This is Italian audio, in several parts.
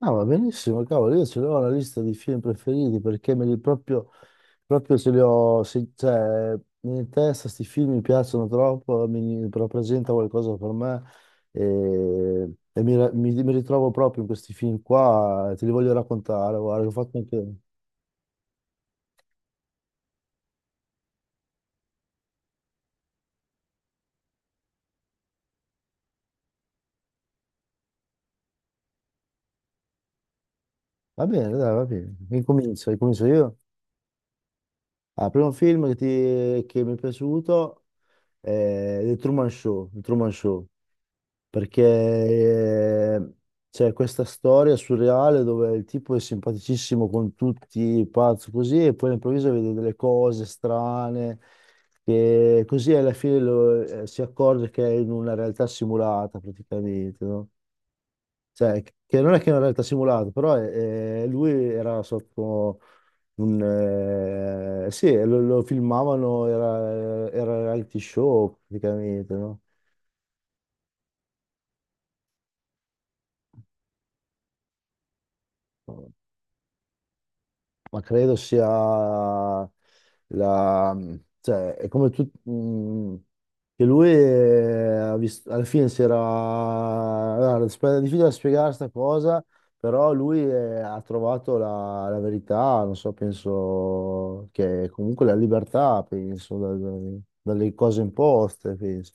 No, va benissimo, cavolo, io ce l'ho la lista di film preferiti perché me li proprio, proprio ce li ho, cioè, in testa questi film mi piacciono troppo, mi rappresenta qualcosa per me e mi, mi ritrovo proprio in questi film qua, te li voglio raccontare, guarda, che ho fatto anche... Va bene, dai, va bene, incomincio io. Ah, primo film che mi è piaciuto è The Truman Show, The Truman Show. Perché c'è questa storia surreale dove il tipo è simpaticissimo con tutti, pazzo così, e poi all'improvviso vede delle cose strane, che così alla fine si accorge che è in una realtà simulata praticamente, no? Cioè, che non è che è una realtà simulata, però lui era sotto un... sì, lo filmavano, era reality show praticamente, no? Ma credo sia la, cioè, è come tu, che lui alla fine si era, è difficile da spiegare questa cosa, però lui ha trovato la, la verità, non so, penso che comunque la libertà, penso, dalle cose imposte, penso.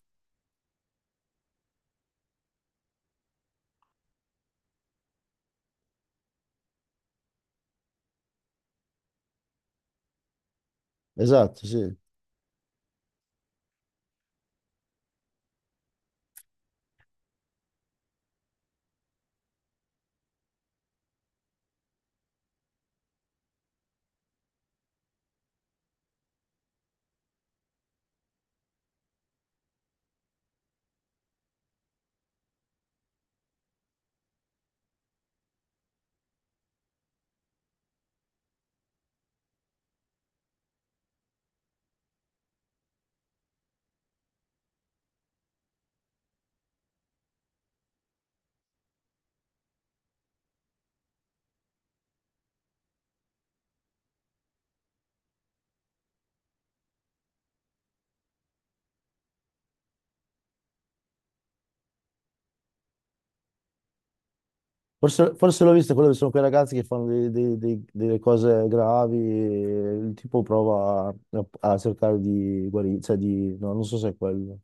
Esatto, sì. Forse, forse l'ho visto, quello che sono quei ragazzi che fanno delle cose gravi e il tipo prova a cercare di guarire, cioè di... no, non so se è quello.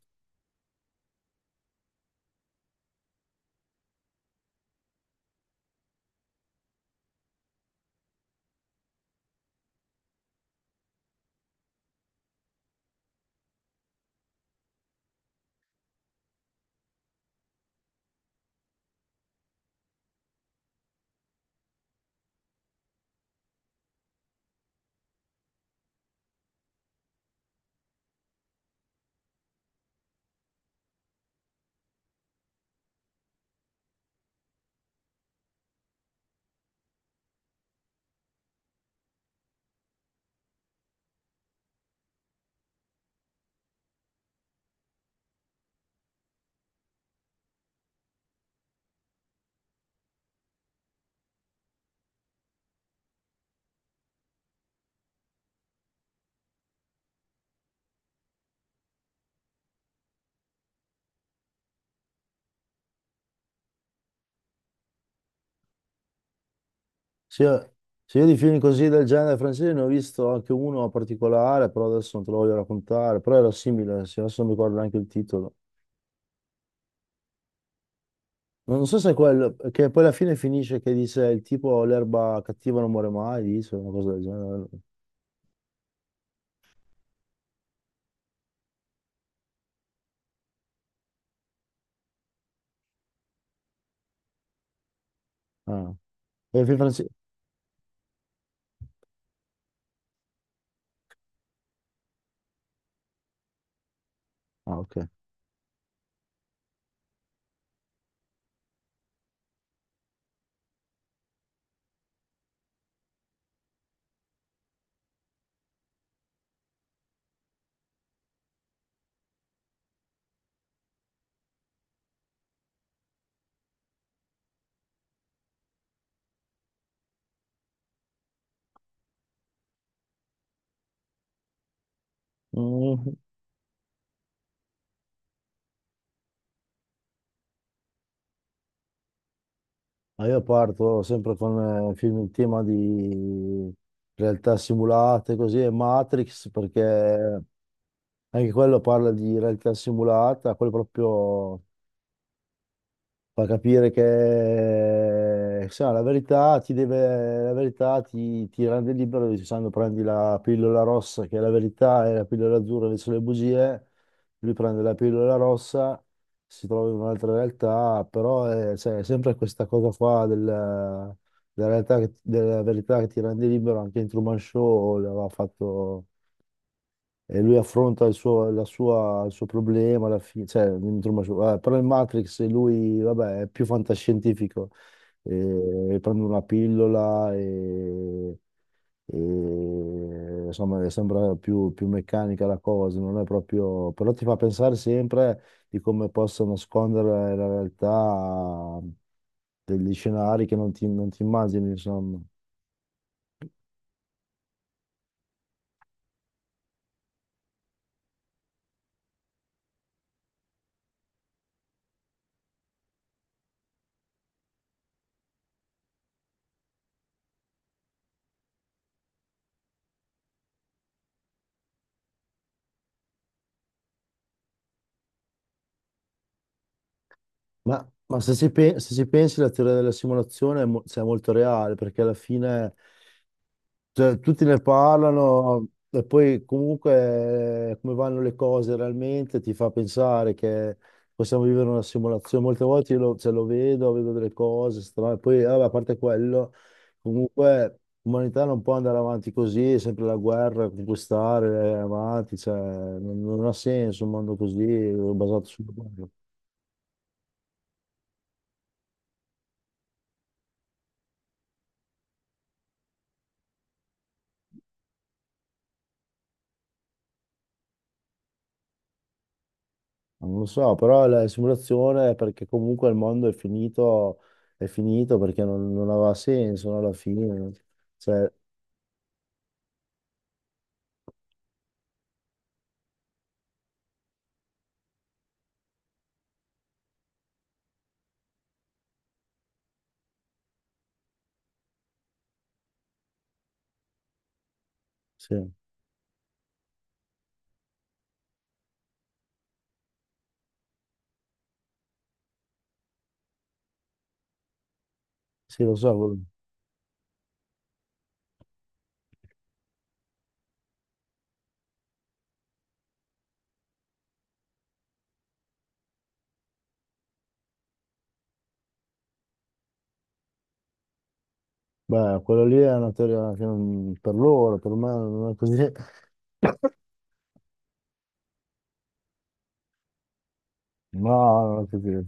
Se io, se io di film così del genere francese ne ho visto anche uno particolare, però adesso non te lo voglio raccontare, però era simile, sì, adesso non mi ricordo neanche il titolo. Non so se è quello, che poi alla fine finisce che dice il tipo l'erba cattiva non muore mai, dice una cosa del genere. Ah, è il film francese. Ah, ok. Mm. Ma io parto sempre con film in tema di realtà simulate, così, e Matrix, perché anche quello parla di realtà simulata, quello proprio fa capire che se no, la verità ti deve, la verità ti, ti rende libero dicendo prendi la pillola rossa che è la verità e la pillola azzurra invece sono le bugie, lui prende la pillola rossa, si trova in un'altra realtà, però è, cioè, è sempre questa cosa qua della realtà della verità che ti rende libero, anche in Truman Show l'aveva fatto e lui affronta il suo, il suo problema alla fine, cioè, non mi trovo- però in Matrix lui, vabbè, è più fantascientifico, prende una pillola e insomma sembra più, più meccanica la cosa, non è proprio, però ti fa pensare sempre di come possa nascondere la realtà degli scenari che non ti, non ti immagini, insomma. Ma se si, se si pensi la teoria della simulazione è, cioè, è molto reale perché alla fine cioè, tutti ne parlano e poi comunque come vanno le cose realmente ti fa pensare che possiamo vivere una simulazione. Molte volte io lo, cioè, lo vedo, vedo delle cose strane, poi vabbè, a parte quello, comunque l'umanità non può andare avanti così, è sempre la guerra, conquistare, avanti, cioè, non, non ha senso un mondo così basato sulla guerra. Non lo so, però la simulazione è perché comunque il mondo è finito perché non, non aveva senso, no, alla fine. Cioè, sì, sì, lo so. Beh, quello lì è una teoria che per loro, per me non è così. No, non è così.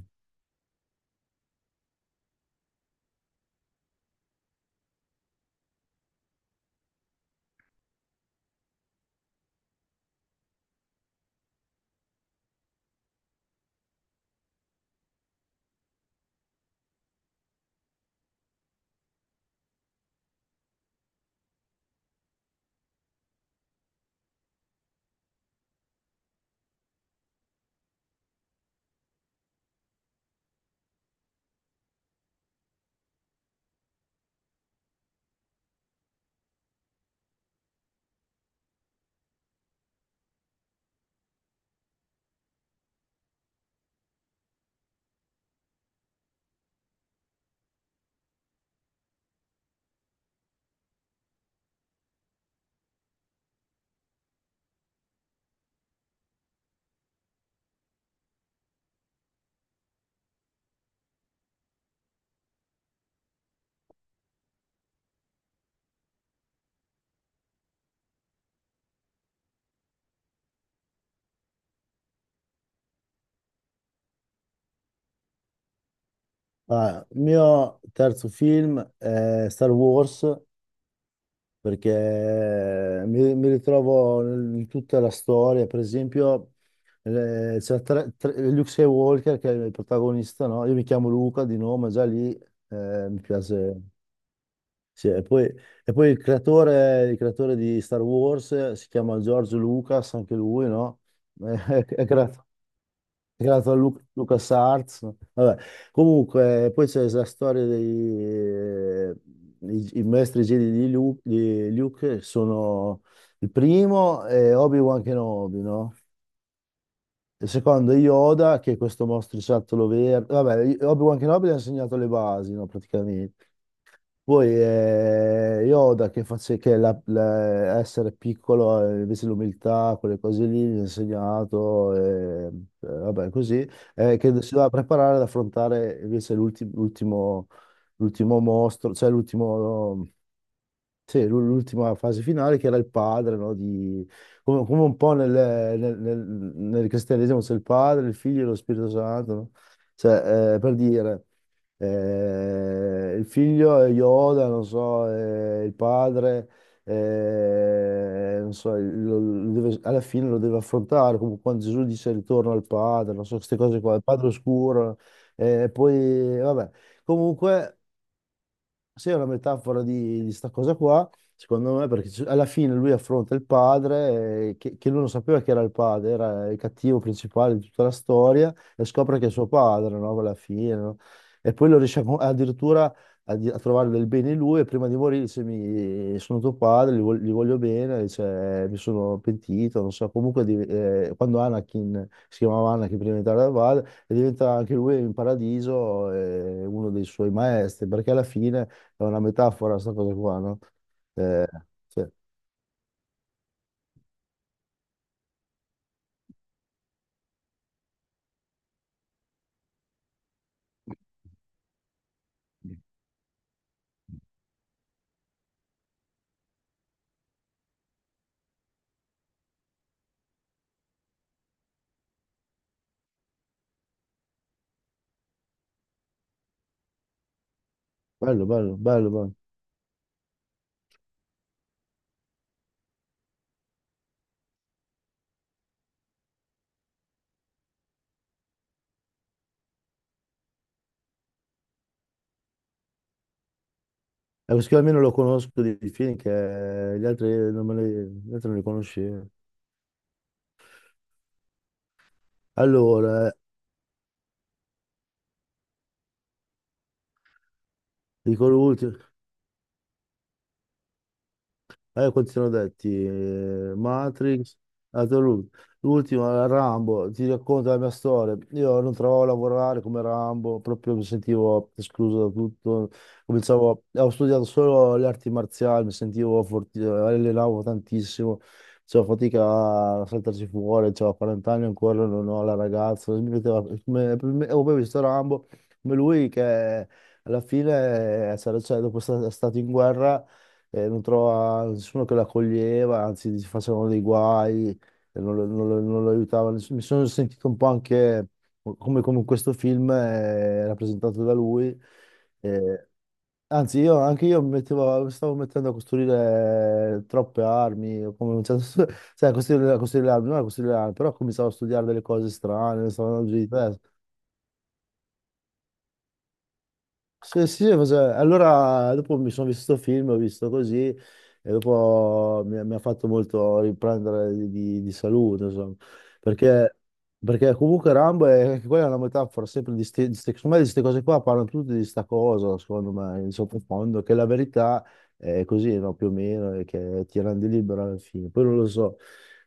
Ah, il mio terzo film è Star Wars perché mi ritrovo in tutta la storia, per esempio Luke Skywalker che è il protagonista, no? Io mi chiamo Luca di nome, già lì, mi piace. Sì, e poi il creatore di Star Wars si chiama George Lucas, anche lui, no? È, è, Lucas Arts. Vabbè. Comunque, poi c'è la storia dei i maestri Jedi di Luke che sono il primo è Obi-Wan Kenobi, no? Il secondo è Yoda, che è questo mostriciattolo verde. Vabbè, Obi-Wan Kenobi gli ha insegnato le basi, no, praticamente. Poi Yoda che face- che la- la- essere piccolo, invece l'umiltà, quelle cose lì, mi ha insegnato, vabbè, così, che si doveva preparare ad affrontare invece l'ultimo l'ultimo mostro, cioè l'ultimo. Sì, l'ultima fase finale che era il padre, no? Di... Come, come un po' nel- nel- nel cristianesimo c'è il padre, il figlio e lo Spirito Santo, no? Cioè, per dire, il figlio è Yoda, non so, il padre, non so, alla fine lo deve affrontare, come quando Gesù dice ritorno al padre, non so, queste cose qua, il padre oscuro, poi, vabbè. Comunque... Sì, è una metafora di sta cosa qua, secondo me, perché alla fine lui affronta il padre, che lui non sapeva che era il padre, era il cattivo principale di tutta la storia, e scopre che è suo padre, no? Alla fine, no? E poi lo riesce addirittura a trovare del bene in lui, e prima di morire dice, mi, sono tuo padre, li, li voglio bene, dice, mi sono pentito, non so, comunque quando Anakin, si chiamava Anakin prima di entrare dal padre, e diventa anche lui in paradiso, uno dei suoi maestri, perché alla fine è una metafora sta cosa qua, no? Eh, sì. Bello, bello, bello, bello. E questo qui almeno lo conosco di film che gli altri non, me li, gli altri non li conoscevo. Allora, dico l'ultimo. Quanti sono detti? Matrix, Altro l'ul- l'ultimo, Rambo, ti racconto la mia storia. Io non trovavo a lavorare come Rambo, proprio mi sentivo escluso da tutto. Cominciavo, ho studiato solo le arti marziali, mi sentivo forti, allenavo tantissimo, facevo fatica a saltarci fuori, avevo 40 anni ancora, non ho la ragazza. Mi metteva, me- me- ho poi visto Rambo, come lui che alla fine, cioè, dopo è stato in guerra e non trova nessuno che lo accoglieva, anzi gli facevano dei guai, e non, non lo aiutava nessuno. Mi sono sentito un po' anche come, come in questo film rappresentato da lui. Eh, anche io mi stavo mettendo a costruire troppe armi, o come, cioè, cioè, a costruire le armi, non a costruire le armi, però cominciavo a studiare delle cose strane, stavo andando giù di testa. Allora dopo mi sono visto questo film, ho visto così e dopo mi, mi ha fatto molto riprendere di, di salute, insomma, perché, perché comunque Rambo è, anche quella è una metafora sempre di queste cose qua, parlano tutti di sta cosa, secondo me, in sottofondo, che la verità è così, no, più o meno, e che ti rende libero alla fine, poi non lo so,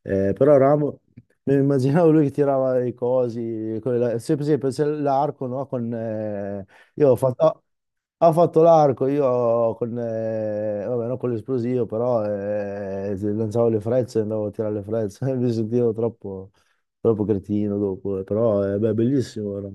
eh, però Rambo... Mi immaginavo lui che tirava le cose, sempre, l'arco, no? Con, io ho fatto, ho fatto l'arco, io con, vabbè, non con l'esplosivo, però se lanciavo le frecce, andavo a tirare le frecce, mi sentivo troppo, troppo cretino dopo, però è beh, bellissimo. Era.